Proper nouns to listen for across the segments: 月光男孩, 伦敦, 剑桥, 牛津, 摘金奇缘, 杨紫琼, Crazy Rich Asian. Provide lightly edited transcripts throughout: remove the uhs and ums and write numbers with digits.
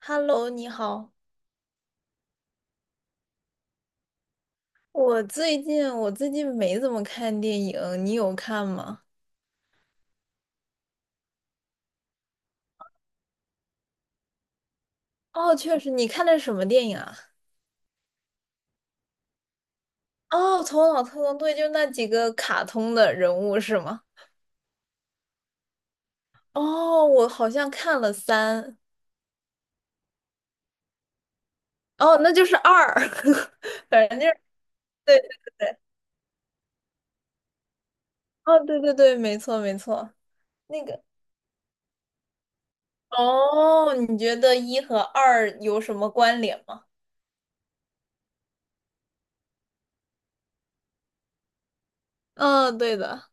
Hello，你好。我最近没怎么看电影，你有看吗？哦，确实，你看的是什么电影啊？哦，《头脑特工队》就那几个卡通的人物是吗？哦，我好像看了三，哦，那就是二，反正就是对对对，哦，对对对，没错没错，那个哦，你觉得一和二有什么关联吗？嗯，对的。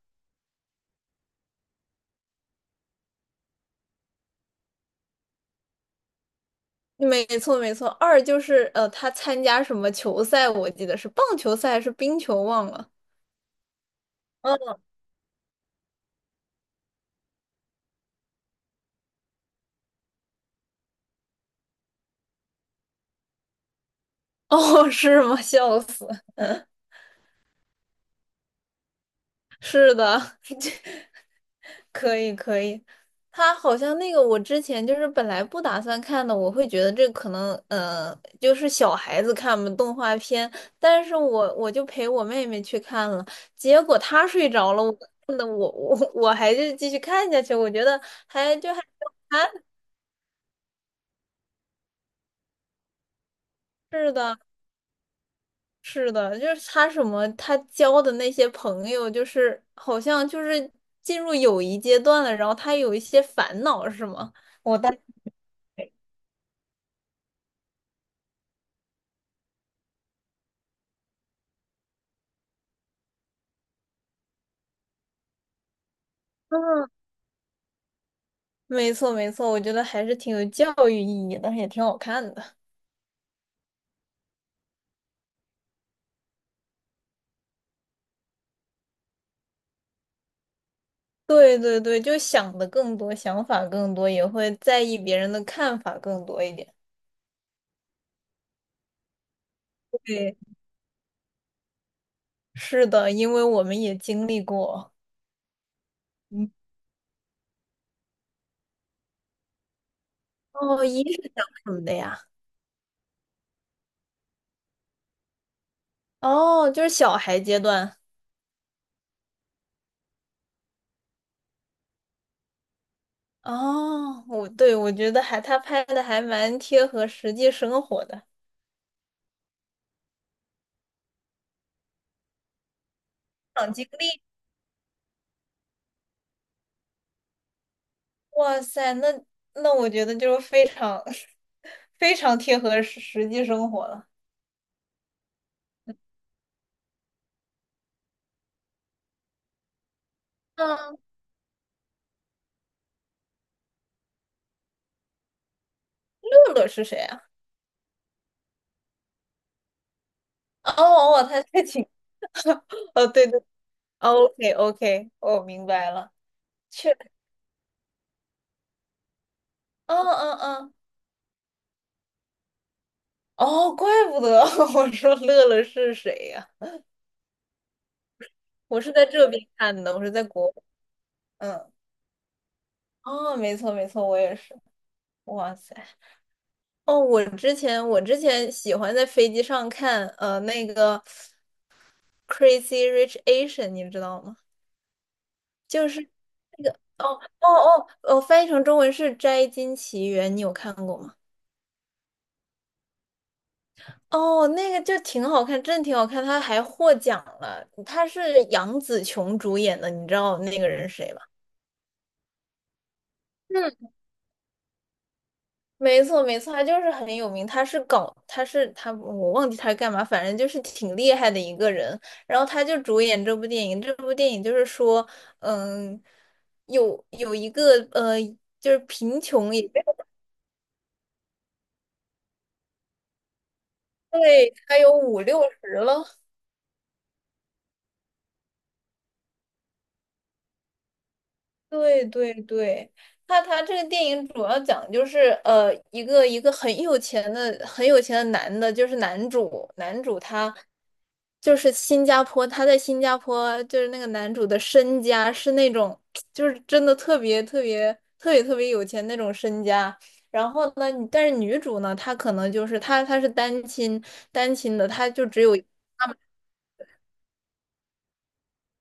没错没错。二就是他参加什么球赛？我记得是棒球赛还是冰球，忘了。嗯，哦，是吗？笑死！是的，可以可以。他好像那个，我之前就是本来不打算看的，我会觉得这可能，就是小孩子看嘛，动画片。但是我就陪我妹妹去看了，结果她睡着了，我看的我还是继续看下去，我觉得还就还是的，是的，就是他什么，他交的那些朋友，就是好像就是进入友谊阶段了，然后他有一些烦恼，是吗？我当 嗯，没错没错，我觉得还是挺有教育意义的，也挺好看的。对对对，就想的更多，想法更多，也会在意别人的看法更多一点。对，是的，因为我们也经历过。嗯，哦，一是讲什么的呀？哦，就是小孩阶段。哦，我对我觉得还他拍的还蛮贴合实际生活的，长经历，哇塞，那那我觉得就是非常 非常贴合实实际生活了。嗯，乐乐是谁啊？哦哦，他在请哦，对对，OK OK，我明白了，确，嗯嗯嗯，哦，怪不得 我说乐乐是谁呀、我是在这边看的，我是在国，嗯，哦，没错没错，我也是，哇塞。哦，我之前喜欢在飞机上看那个《Crazy Rich Asian》，你知道吗？就是哦哦翻译成中文是《摘金奇缘》，你有看过吗？哦，那个就挺好看，真的挺好看，他还获奖了。他是杨紫琼主演的，你知道那个人是谁吧？没错，没错，他就是很有名，他是搞，他是他，我忘记他是干嘛，反正就是挺厉害的一个人。然后他就主演这部电影，这部电影就是说，嗯，有一个，就是贫穷也对，他有五六十了，对对对，他他这个电影主要讲就是一个很有钱的很有钱的男的，就是男主他就是新加坡，他在新加坡就是那个男主的身家是那种就是真的特别特别特别特别有钱那种身家。然后呢，但是女主呢，她可能就是她是单亲的，她就只有。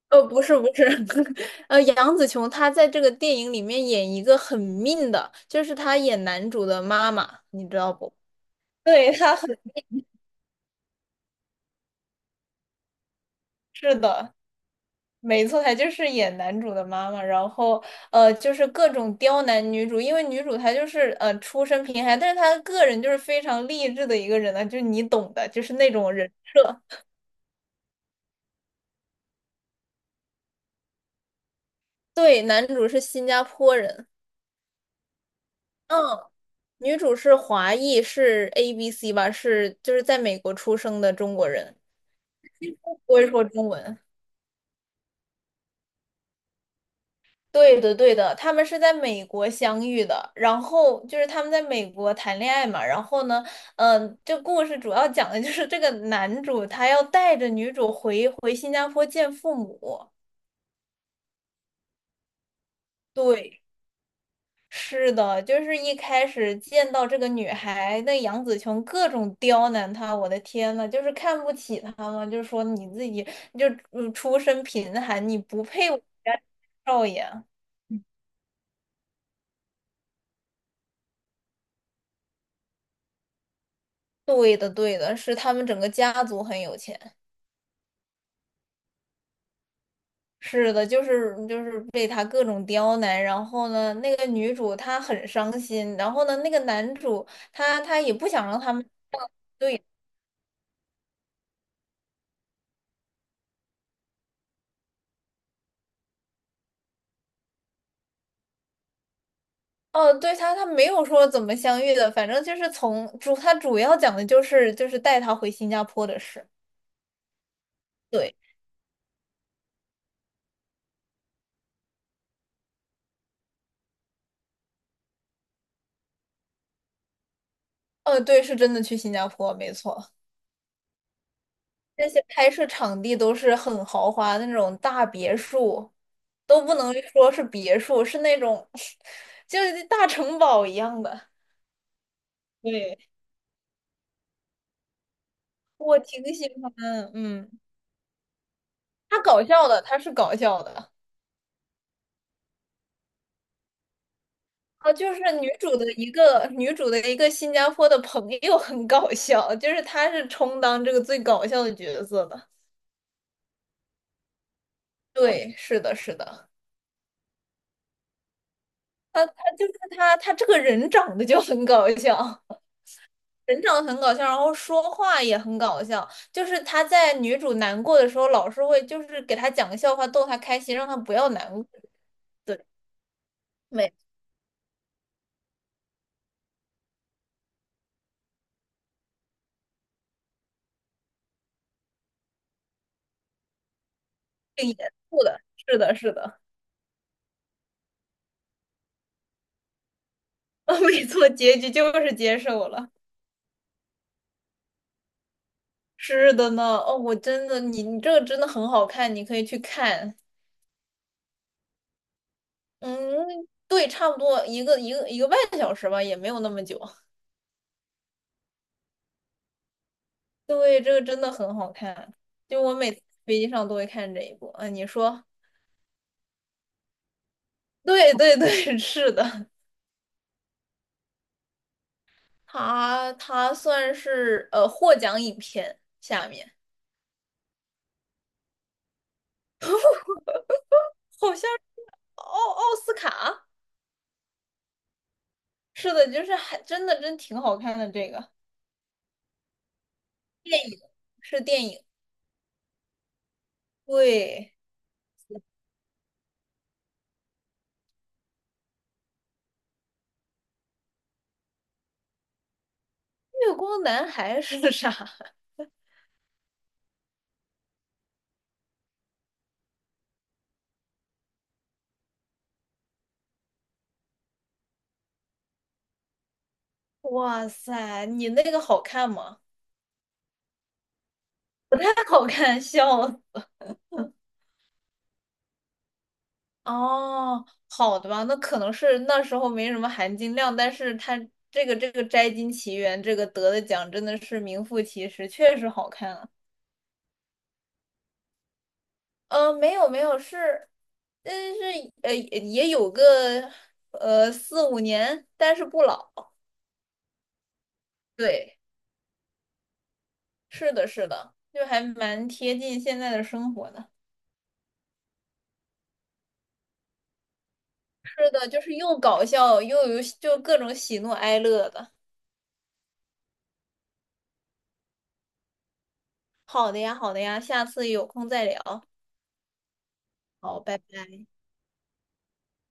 不是不是，杨紫琼她在这个电影里面演一个很命的，就是她演男主的妈妈，你知道不？对，她很是的，没错，她就是演男主的妈妈，然后就是各种刁难女主，因为女主她就是出身贫寒，但是她个人就是非常励志的一个人呢，就是你懂的，就是那种人设。对，男主是新加坡人。嗯，女主是华裔，是 ABC 吧，是就是在美国出生的中国人。不会说中文。对的，对的，他们是在美国相遇的，然后就是他们在美国谈恋爱嘛，然后呢，嗯、这故事主要讲的就是这个男主他要带着女主回新加坡见父母。对，是的，就是一开始见到这个女孩，那杨紫琼各种刁难她，我的天呐，就是看不起她嘛，就是说你自己就嗯出身贫寒，你不配我们家少爷。对的，对的，是他们整个家族很有钱。是的，就是被他各种刁难，然后呢，那个女主她很伤心，然后呢，那个男主他他也不想让他们，哦，对他他没有说怎么相遇的，反正就是从主他主要讲的就是带他回新加坡的事。对，对，是真的去新加坡，没错，那些拍摄场地都是很豪华的那种大别墅。都不能说是别墅，是那种 就是大城堡一样的。对，我挺喜欢，嗯，它搞笑的，它是搞笑的。啊，就是女主的一个女主的一个新加坡的朋友很搞笑，就是她是充当这个最搞笑的角色的。对，是的，是的，她就是她，她这个人长得就很搞笑。人长得很搞笑，然后说话也很搞笑。就是他在女主难过的时候，老是会就是给她讲个笑话逗她开心，让她不要难过。对，没错的，是的，是的，没错，结局就是接受了。是的呢，哦，我真的，你你这个真的很好看，你可以去看。嗯，对，差不多一个一个半小时吧，也没有那么久。对，这个真的很好看，就我每次飞机上都会看这一部。啊，你说，对对对，是的。它它算是获奖影片下面，好像是奥奥斯卡，是的，就是还真的真挺好看的。这个是电影，对，《月光男孩》是啥？哇塞，你那个好看吗？不太好看，笑了。哦，好的吧，那可能是那时候没什么含金量，但是他这个这个《摘金奇缘》这个得的奖真的是名副其实，确实好看啊。没有没有，是，但是也有个四五年，但是不老。对，是的，是的，就还蛮贴近现在的生活的。是的，就是又搞笑又有就各种喜怒哀乐的。好的呀，好的呀，下次有空再聊。